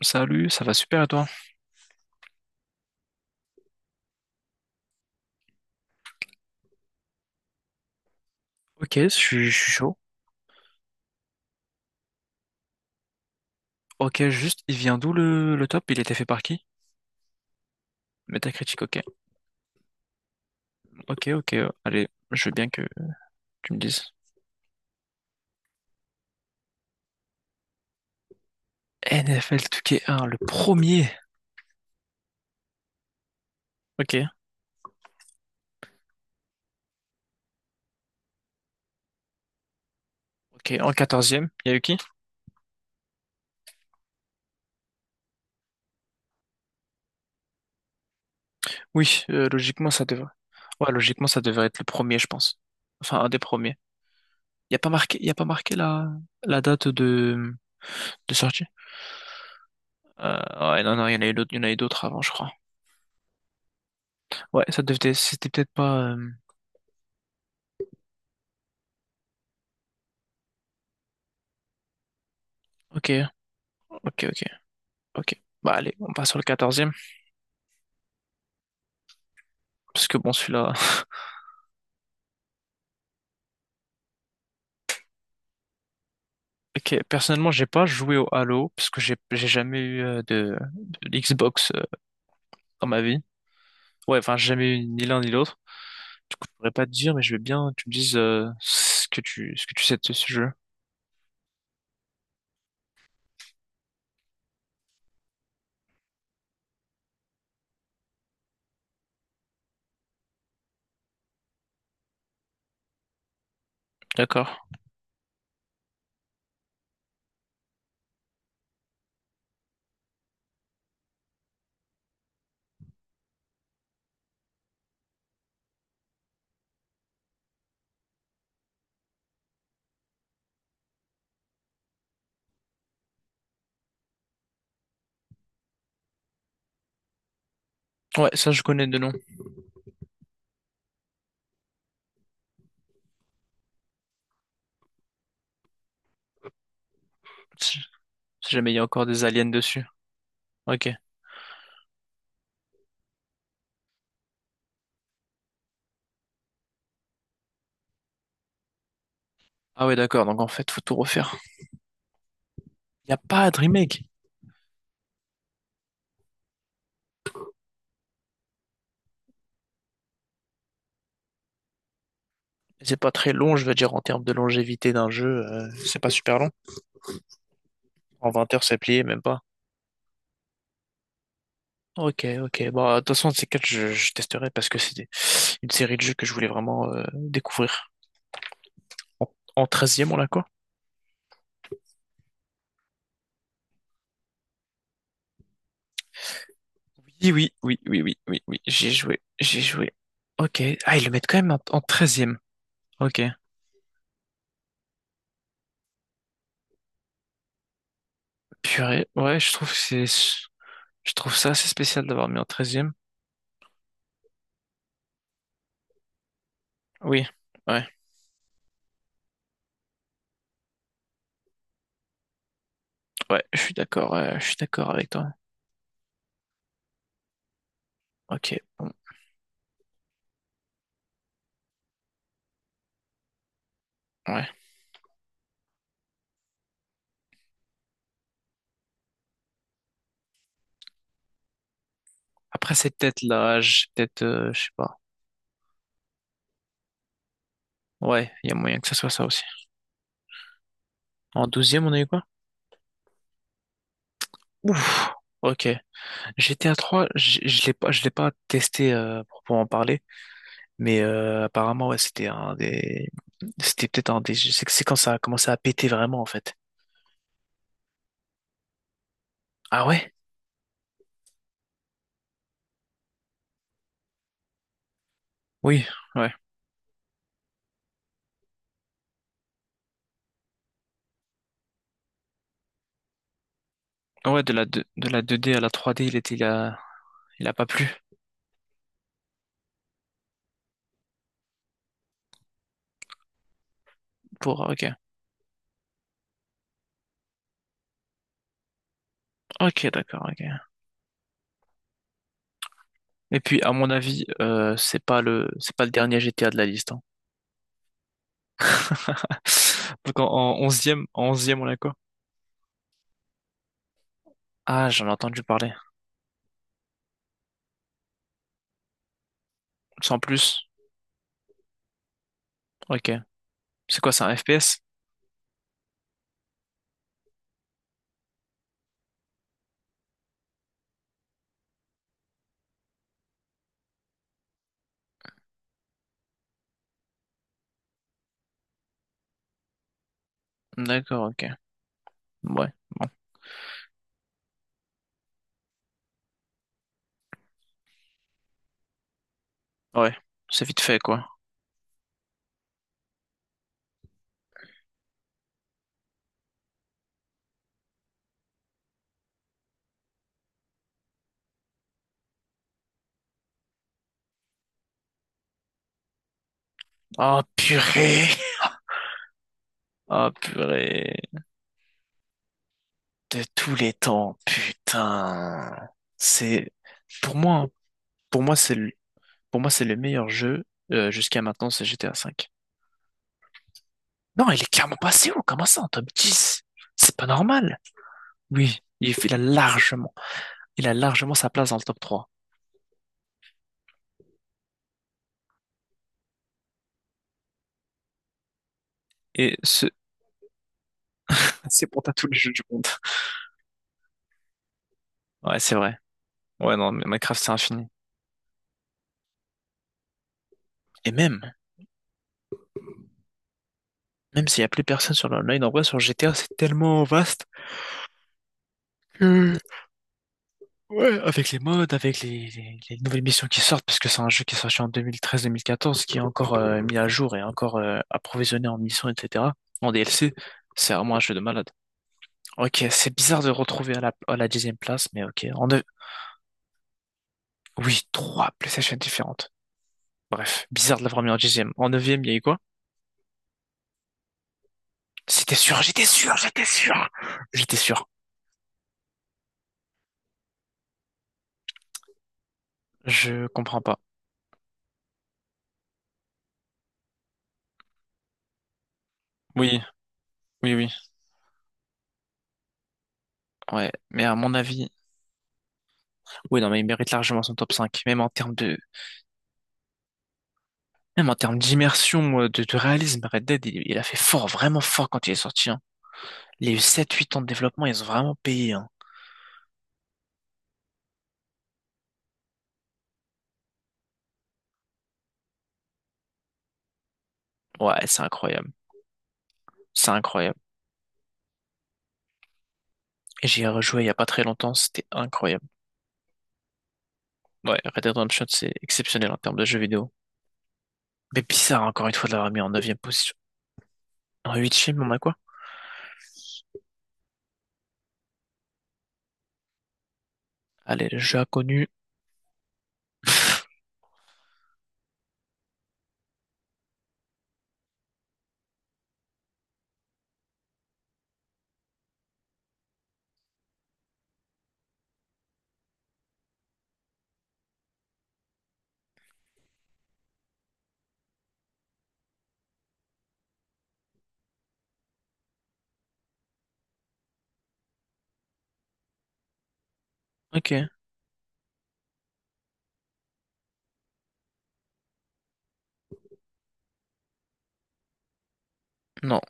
Salut, ça va super et toi? Ok, je suis chaud. Ok, juste, il vient d'où le top? Il était fait par qui? Metacritic, ok. Ok, ok, allez, je veux bien que tu me dises. NFL 2K1, le premier. Ok, ok, en quatorzième, il y a eu qui? Oui, logiquement, ça devrait. Ouais, logiquement, ça devrait être le premier, je pense. Enfin, un des premiers. Il n'y a pas marqué, il y a pas marqué la date de sortie? Ouais, non, non, il y en a eu d'autres, il y en a eu d'autres avant, je crois. Ouais, ça devait, c'était peut-être pas. Ok, ok, ok. Ok. Bah allez, on passe sur le quatorzième. Parce que bon, celui-là... Ok, personnellement, j'ai pas joué au Halo, parce que j'ai jamais eu de Xbox dans ma vie. Ouais, enfin, j'ai jamais eu ni l'un ni l'autre. Du coup, je pourrais pas te dire, mais je veux bien que tu me dises ce que tu sais de ce jeu. D'accord. Ouais, ça, je connais de nom. Si si jamais il y a encore des aliens dessus. Ok. Ah ouais, d'accord, donc en fait, faut tout refaire. Il n'y a pas de remake. C'est pas très long, je veux dire, en termes de longévité d'un jeu, c'est pas super long. En 20 heures, c'est plié, même pas. Ok, ok. Bon, de toute façon, ces quatre, je testerai parce que une série de jeux que je voulais vraiment découvrir. En, en 13 on l'a quoi? Oui, oui, oui, oui, oui, oui, oui. J'ai joué, j'ai joué. Ok. Ah, ils le mettent quand même en 13. Ok. Purée. Ouais, je trouve ça assez spécial d'avoir mis en treizième. Oui, ouais, ouais, je suis d'accord avec toi. Ok, bon, ouais. Après, c'est peut-être l'âge, peut-être, je sais pas. Ouais, il y a moyen que ça soit ça aussi. En douzième, on a eu quoi? Ouf, ok. GTA trois, je l'ai pas testé pour en parler, mais apparemment ouais, c'était c'était peut-être un des, je sais que c'est quand ça a commencé à péter vraiment en fait. Ah ouais? Oui, ouais, ah ouais de la 2D à la 3D, il a pas plu pour. Ok, ok, d'accord, ok. Et puis à mon avis, c'est pas le dernier GTA de la liste, hein. Donc en 11 on a quoi? Ah, j'en ai entendu parler. Sans plus. Ok. C'est quoi, c'est un FPS? D'accord, ok. Ouais, bon. Ouais, c'est vite fait, quoi. Ah, purée! Ah, purée. De tous les temps, putain. C'est, pour moi, hein, pour moi, c'est le, c'est le meilleur jeu, jusqu'à maintenant, c'est GTA V. Non, il est clairement passé haut, comment ça, en top dix. C'est pas normal. Oui, il a largement sa place dans le top trois. Et ce, c'est pour t'as tous les jeux du monde. Ouais, c'est vrai. Ouais, non, mais Minecraft, c'est infini. Et même, même s'il y a plus personne sur l'online, en vrai, sur GTA, c'est tellement vaste. Euh, ouais, avec les modes, les nouvelles missions qui sortent, parce que c'est un jeu qui est sorti en deux mille treize mille quatorze qui est encore mis à jour et encore approvisionné en missions, etc. En DLC, c'est vraiment un jeu de malade. Ok, c'est bizarre de retrouver à la dixième place, mais ok. En neuf... Oui, trois PlayStation différentes. Bref, bizarre de l'avoir mis en dixième. En neuvième, il y a eu quoi? C'était sûr, j'étais sûr, j'étais sûr! J'étais sûr. Je comprends pas. Oui, oui, oui. Ouais, mais à mon avis, oui, non, mais il mérite largement son top cinq, même en termes de. Même en termes d'immersion, de réalisme, Red Dead, il a fait fort, vraiment fort quand il est sorti, hein. Il y a ans de développement, ils ont vraiment payé, hein. Ouais, c'est incroyable. C'est incroyable. Et j'y ai rejoué il y a pas très longtemps, c'était incroyable. Ouais, Red Dead Redemption, c'est exceptionnel en termes de jeux vidéo. Mais bizarre, encore une fois, de l'avoir mis en 9e position. En 8e, on a quoi? Allez, le jeu inconnu. Ok. Non.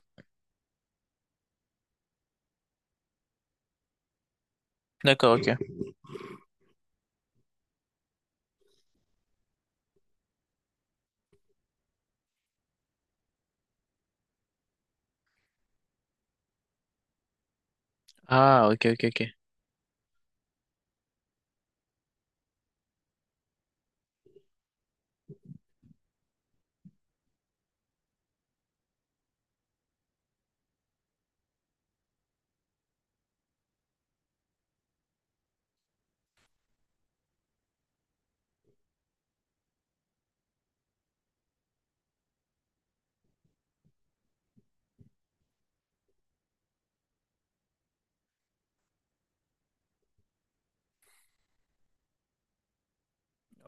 D'accord, ok. Ah, ok, ok, ok.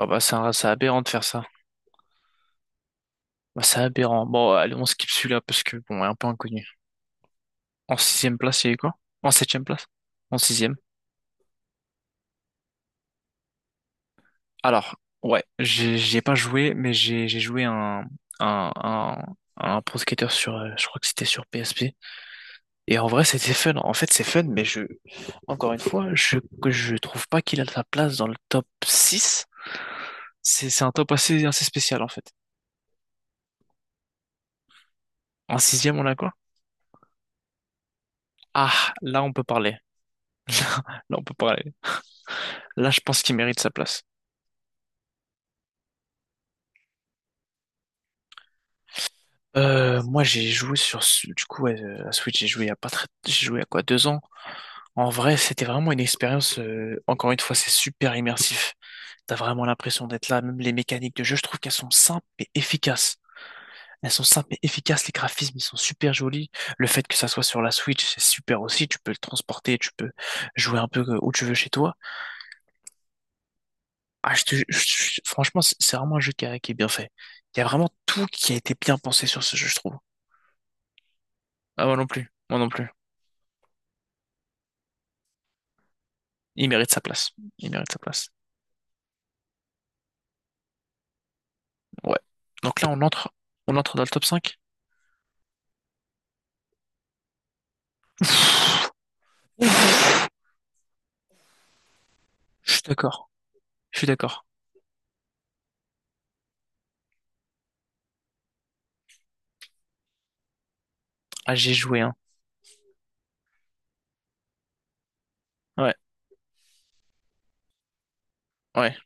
Oh bah, c'est aberrant de faire ça. Bah, c'est aberrant. Bon, allez, on skip celui-là parce que, bon, il est un peu inconnu. En sixième place, il y a eu quoi? En septième place? En sixième. Alors, ouais, j'y ai pas joué, mais j'ai joué un, un, un Pro Skater sur, je crois que c'était sur PSP. Et en vrai, c'était fun. En fait, c'est fun, mais encore une fois, que je trouve pas qu'il a sa place dans le top 6. C'est un top assez, assez spécial, en fait. En sixième, on a quoi? Ah, là, on peut parler. Là, on peut parler. Là, je pense qu'il mérite sa place. Moi, j'ai joué sur, du coup, ouais, à Switch, j'ai joué il y a pas très, j'ai joué à quoi, deux ans? En vrai, c'était vraiment une expérience, encore une fois, c'est super immersif. T'as vraiment l'impression d'être là, même les mécaniques de jeu, je trouve qu'elles sont simples et efficaces. Elles sont simples et efficaces, les graphismes, ils sont super jolis. Le fait que ça soit sur la Switch, c'est super aussi, tu peux le transporter, tu peux jouer un peu où tu veux chez toi. Ah, je te, je- franchement, c'est vraiment un jeu qui est bien fait. Il y a vraiment tout qui a été bien pensé sur ce jeu, je trouve. Ah, moi non plus, moi non plus. Il mérite sa place. Il mérite sa place. Ouais. Donc là, on entre dans le top 5. Je suis d'accord. Je suis d'accord. Ah, j'ai joué, hein. Ouais, ouais.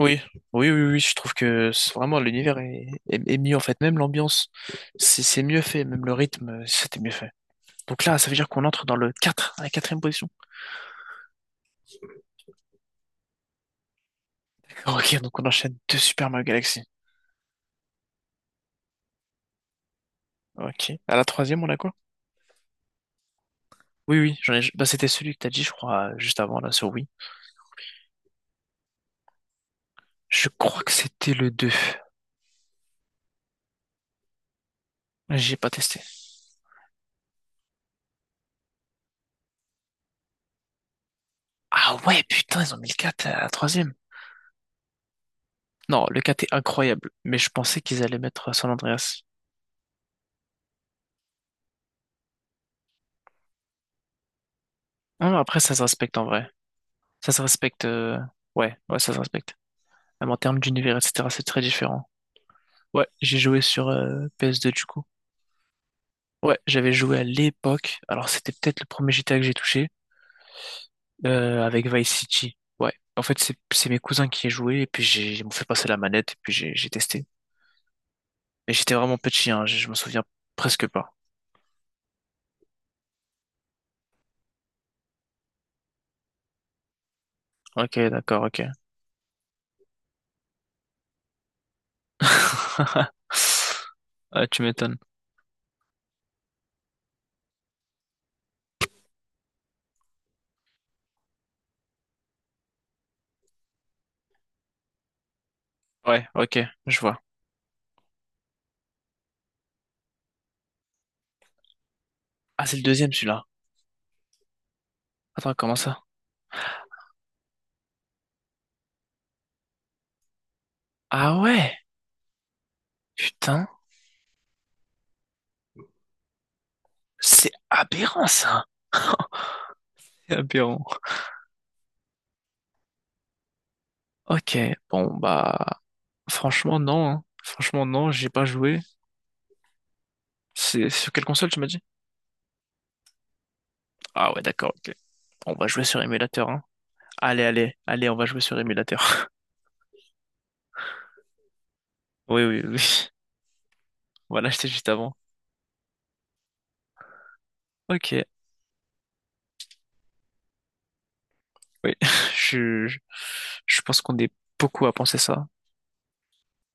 Oui, oui, oui, oui. Je trouve que c'est vraiment l'univers est mieux en fait. Même l'ambiance, c'est mieux fait. Même le rythme, c'était mieux fait. Donc là, ça veut dire qu'on entre dans le 4, à la quatrième position. Ok, donc on enchaîne deux Super Mario Galaxy. Ok. À la troisième, on a quoi? Oui, oui, bah, c'était celui que t'as dit, je crois, juste avant, là, sur Wii. Je crois que c'était le 2. J'ai pas testé. Ah ouais, putain, ils ont mis le 4 à la troisième. Non, le 4 est incroyable, mais je pensais qu'ils allaient mettre San Andreas. Non, non, après, ça se respecte en vrai. Ça se respecte. Ouais, ouais, ça se respecte. Même en termes d'univers, etc., c'est très différent. Ouais, j'ai joué sur PS2 du coup. Ouais, j'avais joué à l'époque. Alors, c'était peut-être le premier GTA que j'ai touché avec Vice City. Ouais, en fait, c'est mes cousins qui y jouaient et puis j'ai ils m'ont fait passer la manette et puis j'ai testé. Et j'étais vraiment petit, hein, je me souviens presque pas. Ok, d'accord, ok. Ah, tu m'étonnes. Ouais, ok, je vois. Ah, c'est le deuxième celui-là. Attends, comment ça? Ah ouais, putain, c'est aberrant ça. C'est aberrant. Ok, bon bah, franchement non, hein. Franchement non, j'ai pas joué. C'est sur quelle console tu m'as dit? Ah ouais, d'accord, ok. On va jouer sur émulateur, hein. Allez, allez, allez, on va jouer sur émulateur. Oui, oui, oui. On va l'acheter juste avant. Ok, oui. Je, je je pense qu'on est beaucoup à penser ça.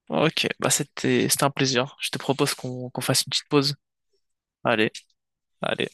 Ok, bah c'était un plaisir. Je te propose qu'on fasse une petite pause. Allez, allez.